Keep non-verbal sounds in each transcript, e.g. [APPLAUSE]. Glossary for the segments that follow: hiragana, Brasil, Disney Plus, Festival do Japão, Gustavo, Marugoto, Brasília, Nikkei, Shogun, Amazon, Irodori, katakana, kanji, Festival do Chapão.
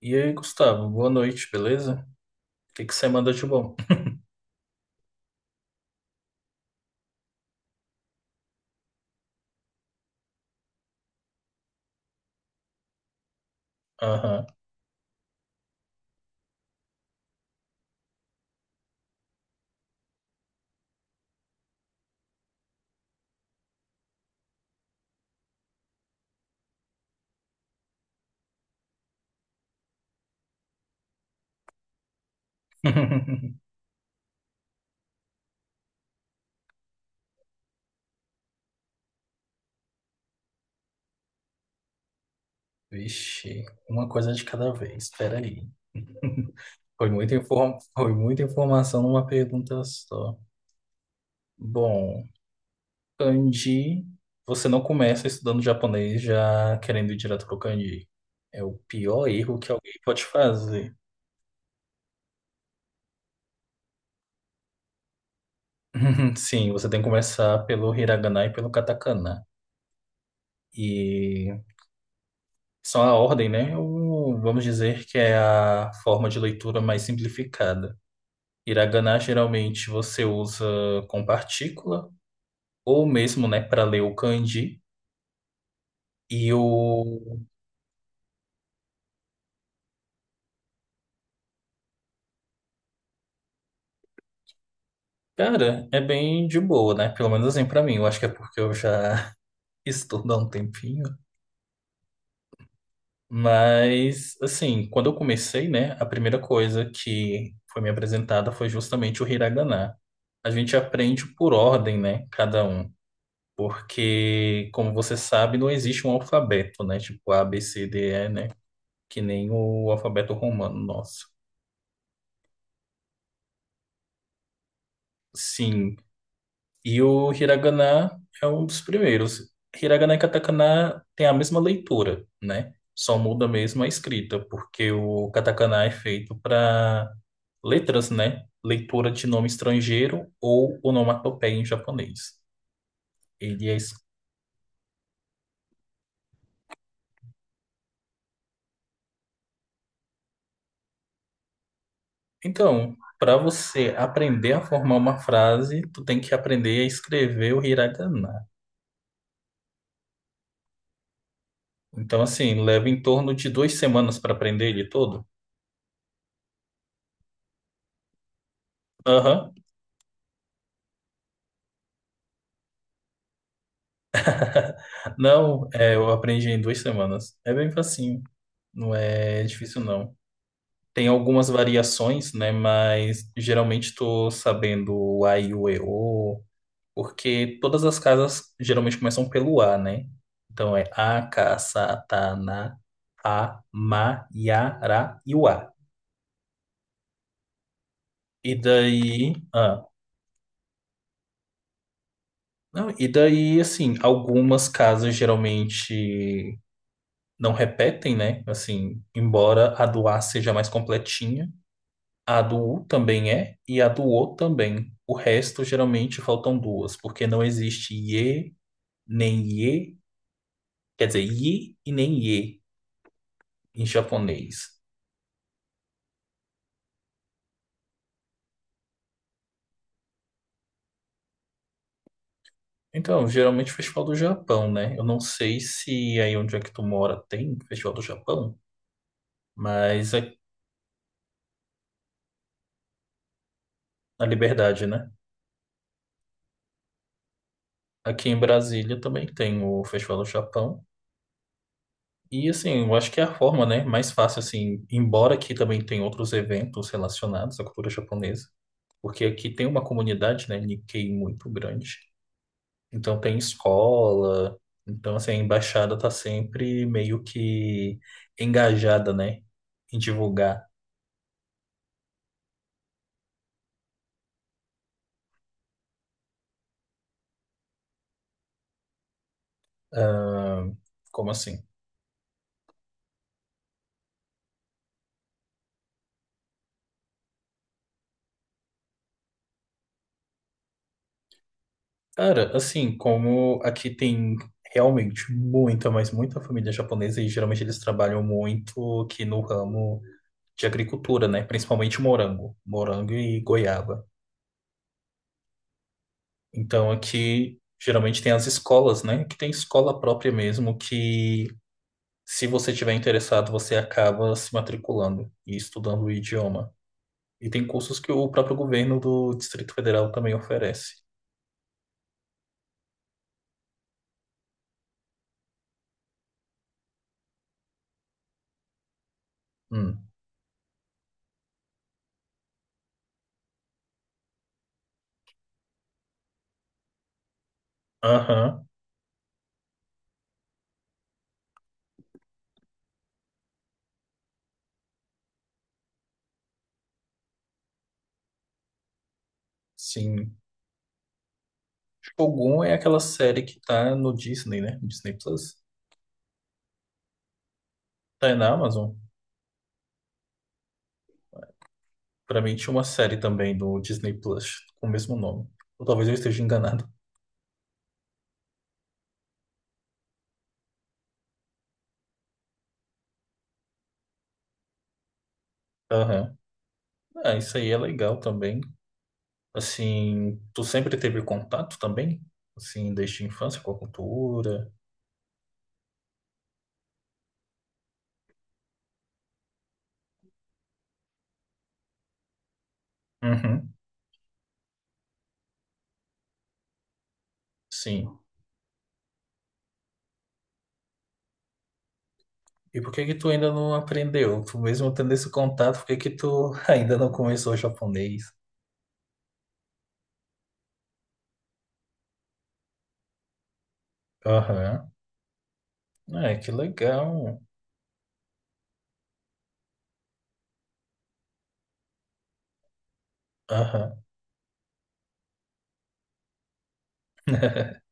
E aí, Gustavo, boa noite, beleza? O que que você manda de bom? Aham. [LAUGHS] Vixe, uma coisa de cada vez, espera aí. Foi muita informação numa pergunta só. Bom, kanji, você não começa estudando japonês já querendo ir direto pro kanji. É o pior erro que alguém pode fazer. [LAUGHS] Sim, você tem que começar pelo hiragana e pelo katakana. E São a ordem, né? Ou vamos dizer que é a forma de leitura mais simplificada. Hiragana geralmente você usa com partícula, ou mesmo, né, para ler o kanji. E o. Cara, é bem de boa, né? Pelo menos assim pra mim. Eu acho que é porque eu já [LAUGHS] estudo há um tempinho. Mas, assim, quando eu comecei, né, a primeira coisa que foi me apresentada foi justamente o hiragana. A gente aprende por ordem, né? Cada um. Porque, como você sabe, não existe um alfabeto, né? Tipo A, B, C, D, E, né? Que nem o alfabeto romano nosso. Sim. E o hiragana é um dos primeiros. Hiragana e katakana têm a mesma leitura, né? Só muda mesmo a escrita, porque o katakana é feito para letras, né? Leitura de nome estrangeiro ou onomatopeia em japonês. Ele é Então, para você aprender a formar uma frase, tu tem que aprender a escrever o hiragana. Então, assim, leva em torno de duas semanas para aprender ele todo. Aham. Não, é, eu aprendi em duas semanas. É bem facinho. Não é difícil, não. Tem algumas variações, né? Mas geralmente tô sabendo o A e o E O, porque todas as casas geralmente começam pelo A, né? Então é A, K, Sa, Ta, Na, A, Ma, Ya, Ra e o A. E daí, não, e daí, assim, algumas casas geralmente não repetem, né? Assim, embora a do A seja mais completinha, a do U também é, e a do O também. O resto geralmente faltam duas, porque não existe ye, nem ye, quer dizer, yi e nem ye em japonês. Então, geralmente o Festival do Japão, né? Eu não sei se aí onde é que tu mora tem Festival do Japão, mas é a Liberdade, né? Aqui em Brasília também tem o Festival do Chapão. E assim, eu acho que é a forma, né, mais fácil assim, embora aqui também tem outros eventos relacionados à cultura japonesa, porque aqui tem uma comunidade, né, nikkei muito grande. Então tem escola, então assim, a embaixada tá sempre meio que engajada, né, em divulgar. ah, Como assim? Cara, assim, como aqui tem realmente muita, mas muita família japonesa e geralmente eles trabalham muito aqui no ramo de agricultura, né? Principalmente morango, morango e goiaba. Então aqui geralmente tem as escolas, né? Que tem escola própria mesmo que se você tiver interessado, você acaba se matriculando e estudando o idioma. E tem cursos que o próprio governo do Distrito Federal também oferece. Hum. Aham. Sim. Shogun é aquela série que tá no Disney, né? Disney Plus. Tá na Amazon. Pra mim tinha uma série também do Disney Plus com o mesmo nome. Ou talvez eu esteja enganado. Aham. Ah, isso aí é legal também. Assim, tu sempre teve contato também? Assim, desde a infância com a cultura? Uhum, sim. E por que que tu ainda não aprendeu? Tu mesmo tendo esse contato, por que que tu [LAUGHS] ainda não começou o japonês? Aham. É, que legal. Aham. [LAUGHS]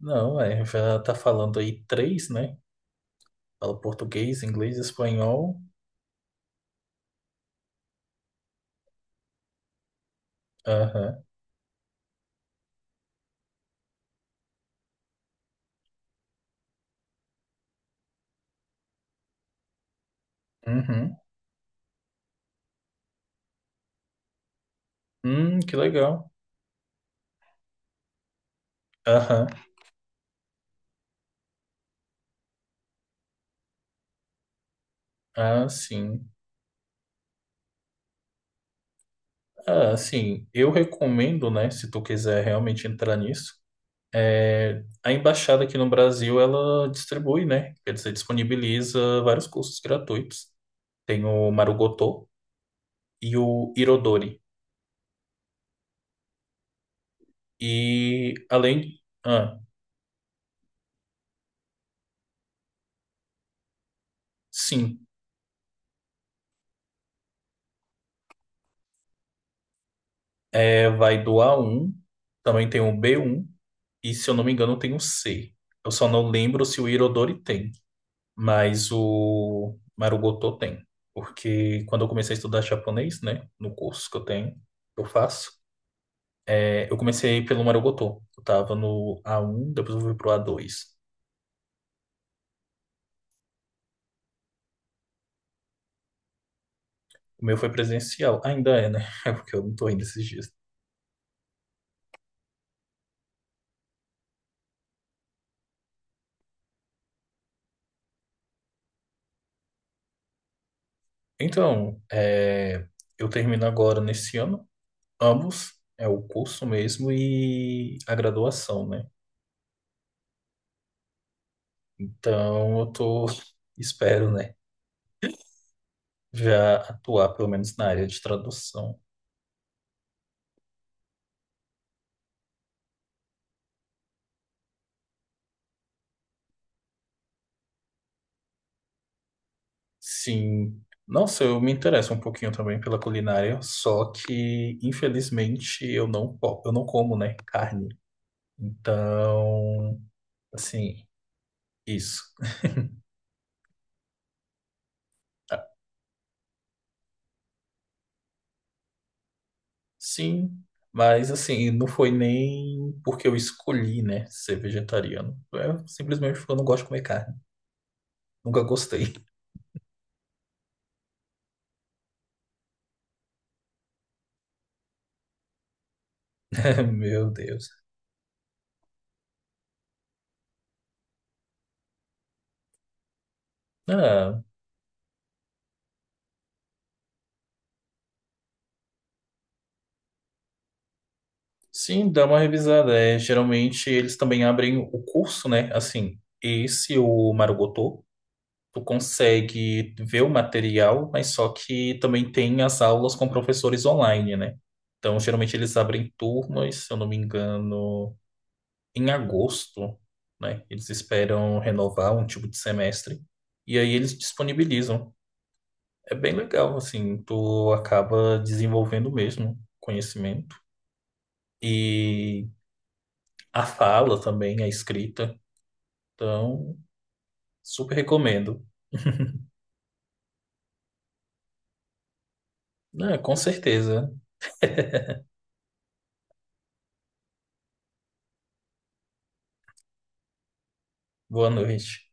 Não, é, já tá falando aí três, né? Fala português, inglês, espanhol. Aham. Uhum. Que legal. Aham. Ah, sim. Ah, assim, eu recomendo, né, se tu quiser realmente entrar nisso, é, a embaixada aqui no Brasil, ela distribui, né, quer dizer, disponibiliza vários cursos gratuitos. Tem o Marugoto e o Irodori. E além, ah, sim, é, vai do A1, também tem o B1 e, se eu não me engano, tem o C. Eu só não lembro se o Irodori tem, mas o Marugoto tem. Porque quando eu comecei a estudar japonês, né, no curso que eu tenho, que eu faço, é, eu comecei pelo Marugoto. Eu tava no A1, depois eu fui pro A2. O meu foi presencial. Ainda é, né? [LAUGHS] É porque eu não tô indo esses dias. Então, é, eu termino agora nesse ano, ambos, é o curso mesmo e a graduação, né? Então, eu tô, [LAUGHS] espero, né, já atuar pelo menos na área de tradução. Sim. Nossa, eu me interesso um pouquinho também pela culinária, só que infelizmente eu não, eu não como, né, carne. Então, assim, isso. Ah, sim, mas assim, não foi nem porque eu escolhi, né, ser vegetariano. É simplesmente porque eu não gosto de comer carne. Nunca gostei. [LAUGHS] Meu Deus. Ah, sim, dá uma revisada. É, geralmente eles também abrem o curso, né? Assim, esse o Marugoto. Tu consegue ver o material, mas só que também tem as aulas com professores online, né? Então, geralmente eles abrem turmas, se eu não me engano, em agosto, né? Eles esperam renovar um tipo de semestre e aí eles disponibilizam. É bem legal, assim, tu acaba desenvolvendo mesmo conhecimento e a fala também, a escrita. Então, super recomendo. [LAUGHS] Ah, com certeza. Boa noite.